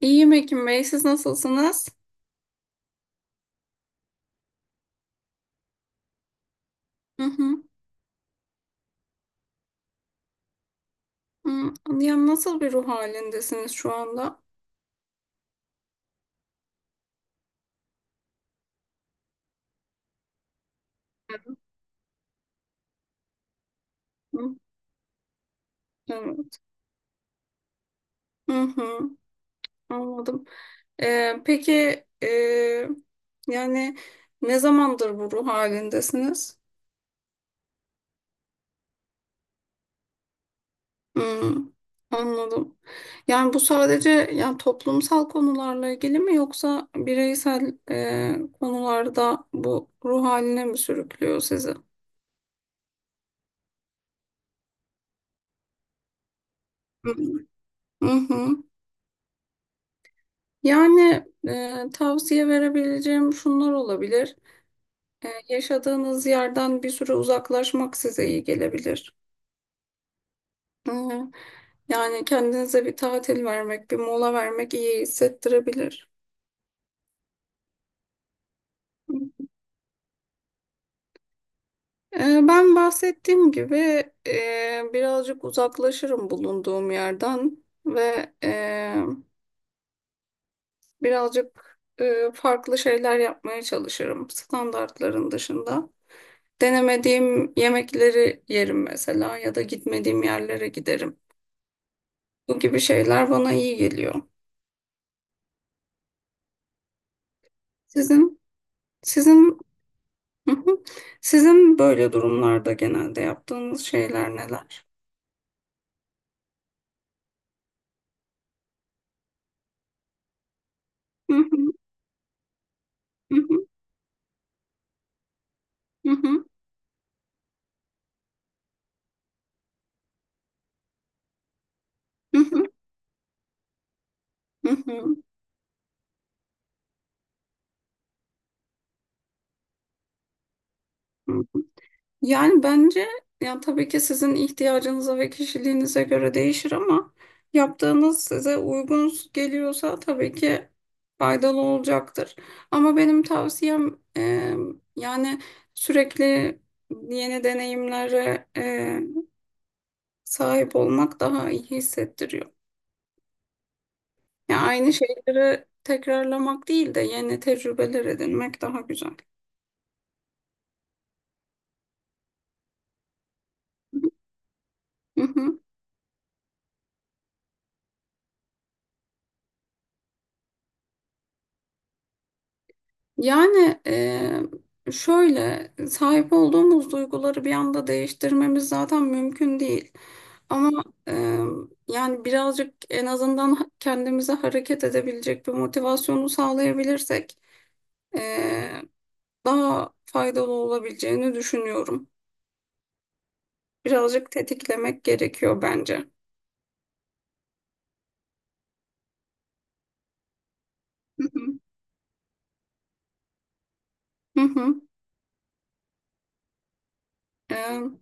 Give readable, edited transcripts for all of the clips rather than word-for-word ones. İyiyim Ekim Bey, siz nasılsınız? Hı hı. Hı. Ya nasıl bir ruh halindesiniz şu anda? Hı. Evet. Hı hı. Anladım. Peki e, yani ne zamandır bu ruh halindesiniz? Hı. Anladım. Yani bu sadece yani toplumsal konularla ilgili mi yoksa bireysel konularda bu ruh haline mi sürüklüyor sizi? Hı hı. Yani tavsiye verebileceğim şunlar olabilir. Yaşadığınız yerden bir süre uzaklaşmak size iyi gelebilir. E, Yani kendinize bir tatil vermek, bir mola vermek iyi hissettirebilir. Ben bahsettiğim gibi birazcık uzaklaşırım bulunduğum yerden ve birazcık farklı şeyler yapmaya çalışırım standartların dışında. Denemediğim yemekleri yerim mesela ya da gitmediğim yerlere giderim. Bu gibi şeyler bana iyi geliyor. Sizin sizin Hı hı. Sizin böyle durumlarda genelde yaptığınız şeyler neler? Hı hı, hı hı, hı hı, hı hı, hı hı. Yani bence yani tabii ki sizin ihtiyacınıza ve kişiliğinize göre değişir ama yaptığınız size uygun geliyorsa tabii ki faydalı olacaktır. Ama benim tavsiyem yani sürekli yeni deneyimlere sahip olmak daha iyi hissettiriyor. Yani aynı şeyleri tekrarlamak değil de yeni tecrübeler edinmek daha güzel. Yani şöyle sahip olduğumuz duyguları bir anda değiştirmemiz zaten mümkün değil. Ama yani birazcık en azından kendimize hareket edebilecek bir motivasyonu sağlayabilirsek e, daha faydalı olabileceğini düşünüyorum. Birazcık tetiklemek gerekiyor bence. Hı hı. Hı hı.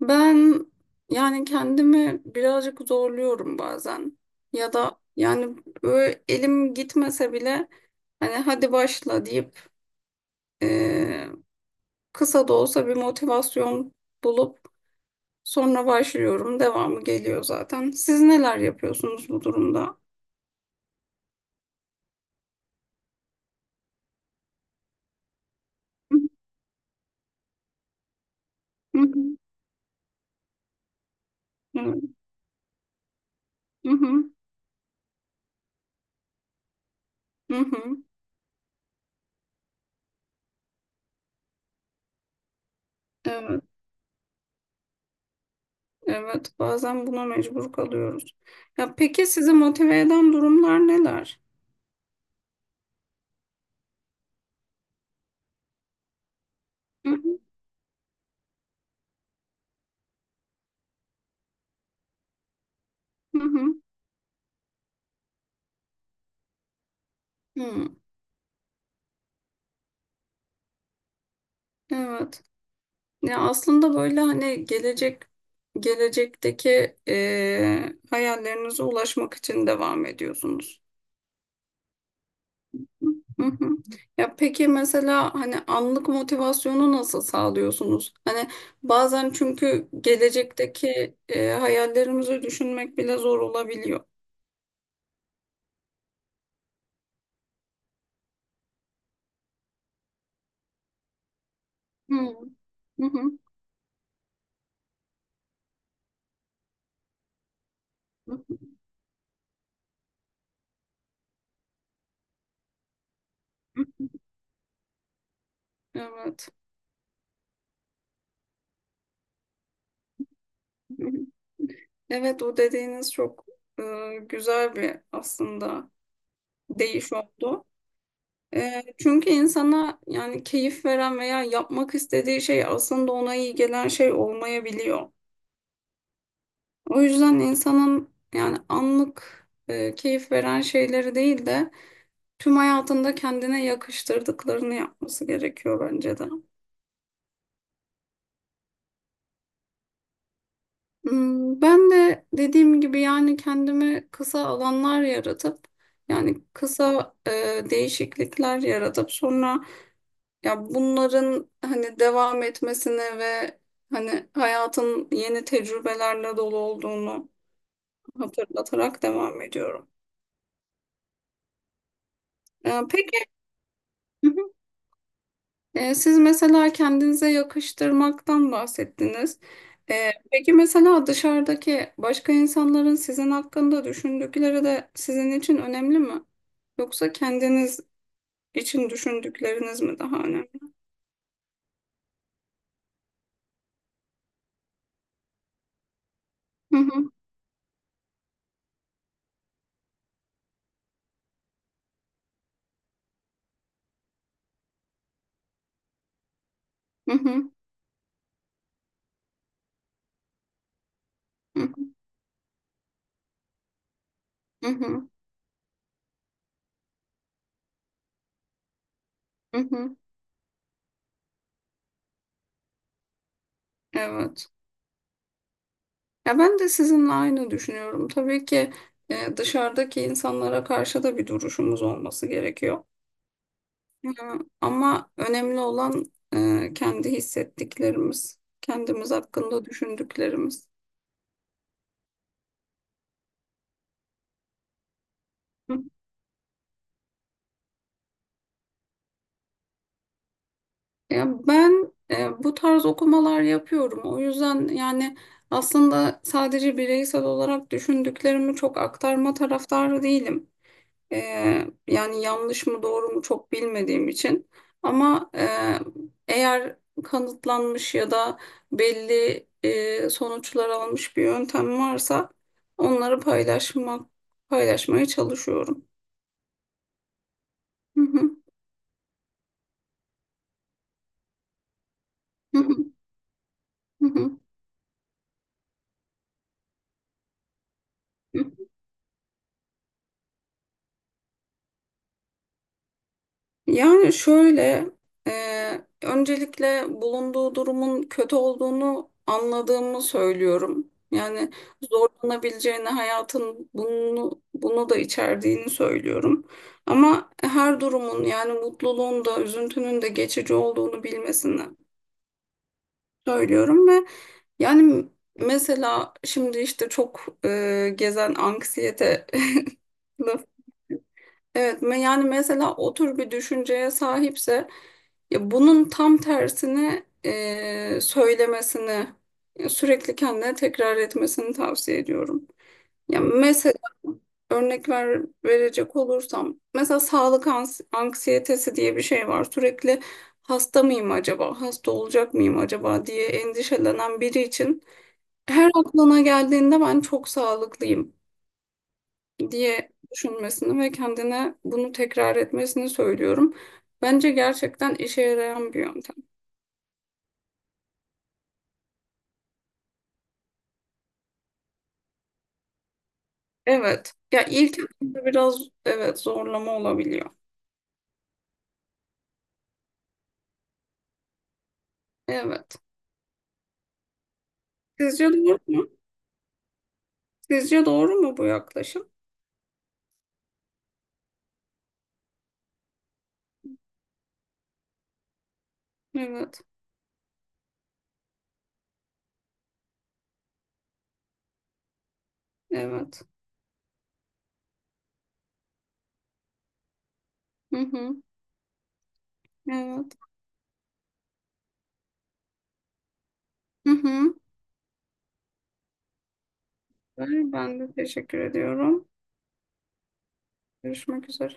Ben yani kendimi birazcık zorluyorum bazen. Ya da yani böyle elim gitmese bile hani hadi başla deyip eee, kısa da olsa bir motivasyon bulup sonra başlıyorum. Devamı geliyor zaten. Siz neler yapıyorsunuz bu durumda? Hı hı. Evet. Hı hı. Hı hı. Evet. Evet. Bazen buna mecbur kalıyoruz. Ya peki sizi motive eden durumlar neler? Hı hı. Hı hı. Hı. Evet. Ya aslında böyle hani gelecekteki hayallerinize ulaşmak için devam ediyorsunuz. Hı hı. Ya peki mesela hani anlık motivasyonu nasıl sağlıyorsunuz? Hani bazen çünkü gelecekteki hayallerimizi düşünmek bile zor olabiliyor. Hı hı. Hı hı. Evet. Hı hı. Evet o dediğiniz çok güzel bir aslında değiş oldu. Çünkü insana yani keyif veren veya yapmak istediği şey aslında ona iyi gelen şey olmayabiliyor. O yüzden insanın yani anlık keyif veren şeyleri değil de tüm hayatında kendine yakıştırdıklarını yapması gerekiyor bence de. Ben de dediğim gibi yani kendimi kısa alanlar yaratıp yani kısa değişiklikler yaratıp sonra ya bunların hani devam etmesini ve hani hayatın yeni tecrübelerle dolu olduğunu hatırlatarak devam ediyorum. Peki. Hı hı. Siz mesela kendinize yakıştırmaktan bahsettiniz. Peki mesela dışarıdaki başka insanların sizin hakkında düşündükleri de sizin için önemli mi? Yoksa kendiniz için düşündükleriniz mi daha önemli? Hı hı, hı hı, hı hı, hı hı, hı hı. Evet. Ya ben de sizinle aynı düşünüyorum. Tabii ki dışarıdaki insanlara karşı da bir duruşumuz olması gerekiyor. E, Ama önemli olan kendi hissettiklerimiz, kendimiz hakkında düşündüklerimiz. Hı. Ya ben bu tarz okumalar yapıyorum. O yüzden yani aslında sadece bireysel olarak düşündüklerimi çok aktarma taraftarı değilim. Yani yanlış mı doğru mu çok bilmediğim için ama eğer kanıtlanmış ya da belli sonuçlar almış bir yöntem varsa onları paylaşmaya çalışıyorum. Hı hı, hı hı, hı hı, hı. Yani şöyle, öncelikle bulunduğu durumun kötü olduğunu anladığımı söylüyorum. Yani zorlanabileceğini, hayatın bunu da içerdiğini söylüyorum. Ama her durumun yani mutluluğun da üzüntünün de geçici olduğunu bilmesini söylüyorum ve yani mesela şimdi işte çok gezen anksiyete. Evet, yani mesela o tür bir düşünceye sahipse ya bunun tam tersini söylemesini ya sürekli kendine tekrar etmesini tavsiye ediyorum. Ya mesela örnek verecek olursam mesela sağlık anksiyetesi diye bir şey var. Sürekli hasta mıyım acaba, hasta olacak mıyım acaba diye endişelenen biri için her aklına geldiğinde ben çok sağlıklıyım diye düşünmesini ve kendine bunu tekrar etmesini söylüyorum. Bence gerçekten işe yarayan bir yöntem. Evet. Ya ilk etapta biraz evet zorlama olabiliyor. Evet. Sizce doğru mu? Sizce doğru mu bu yaklaşım? Evet. Evet. Hı hı. Evet. Hı hı. Ben de teşekkür ediyorum. Görüşmek üzere.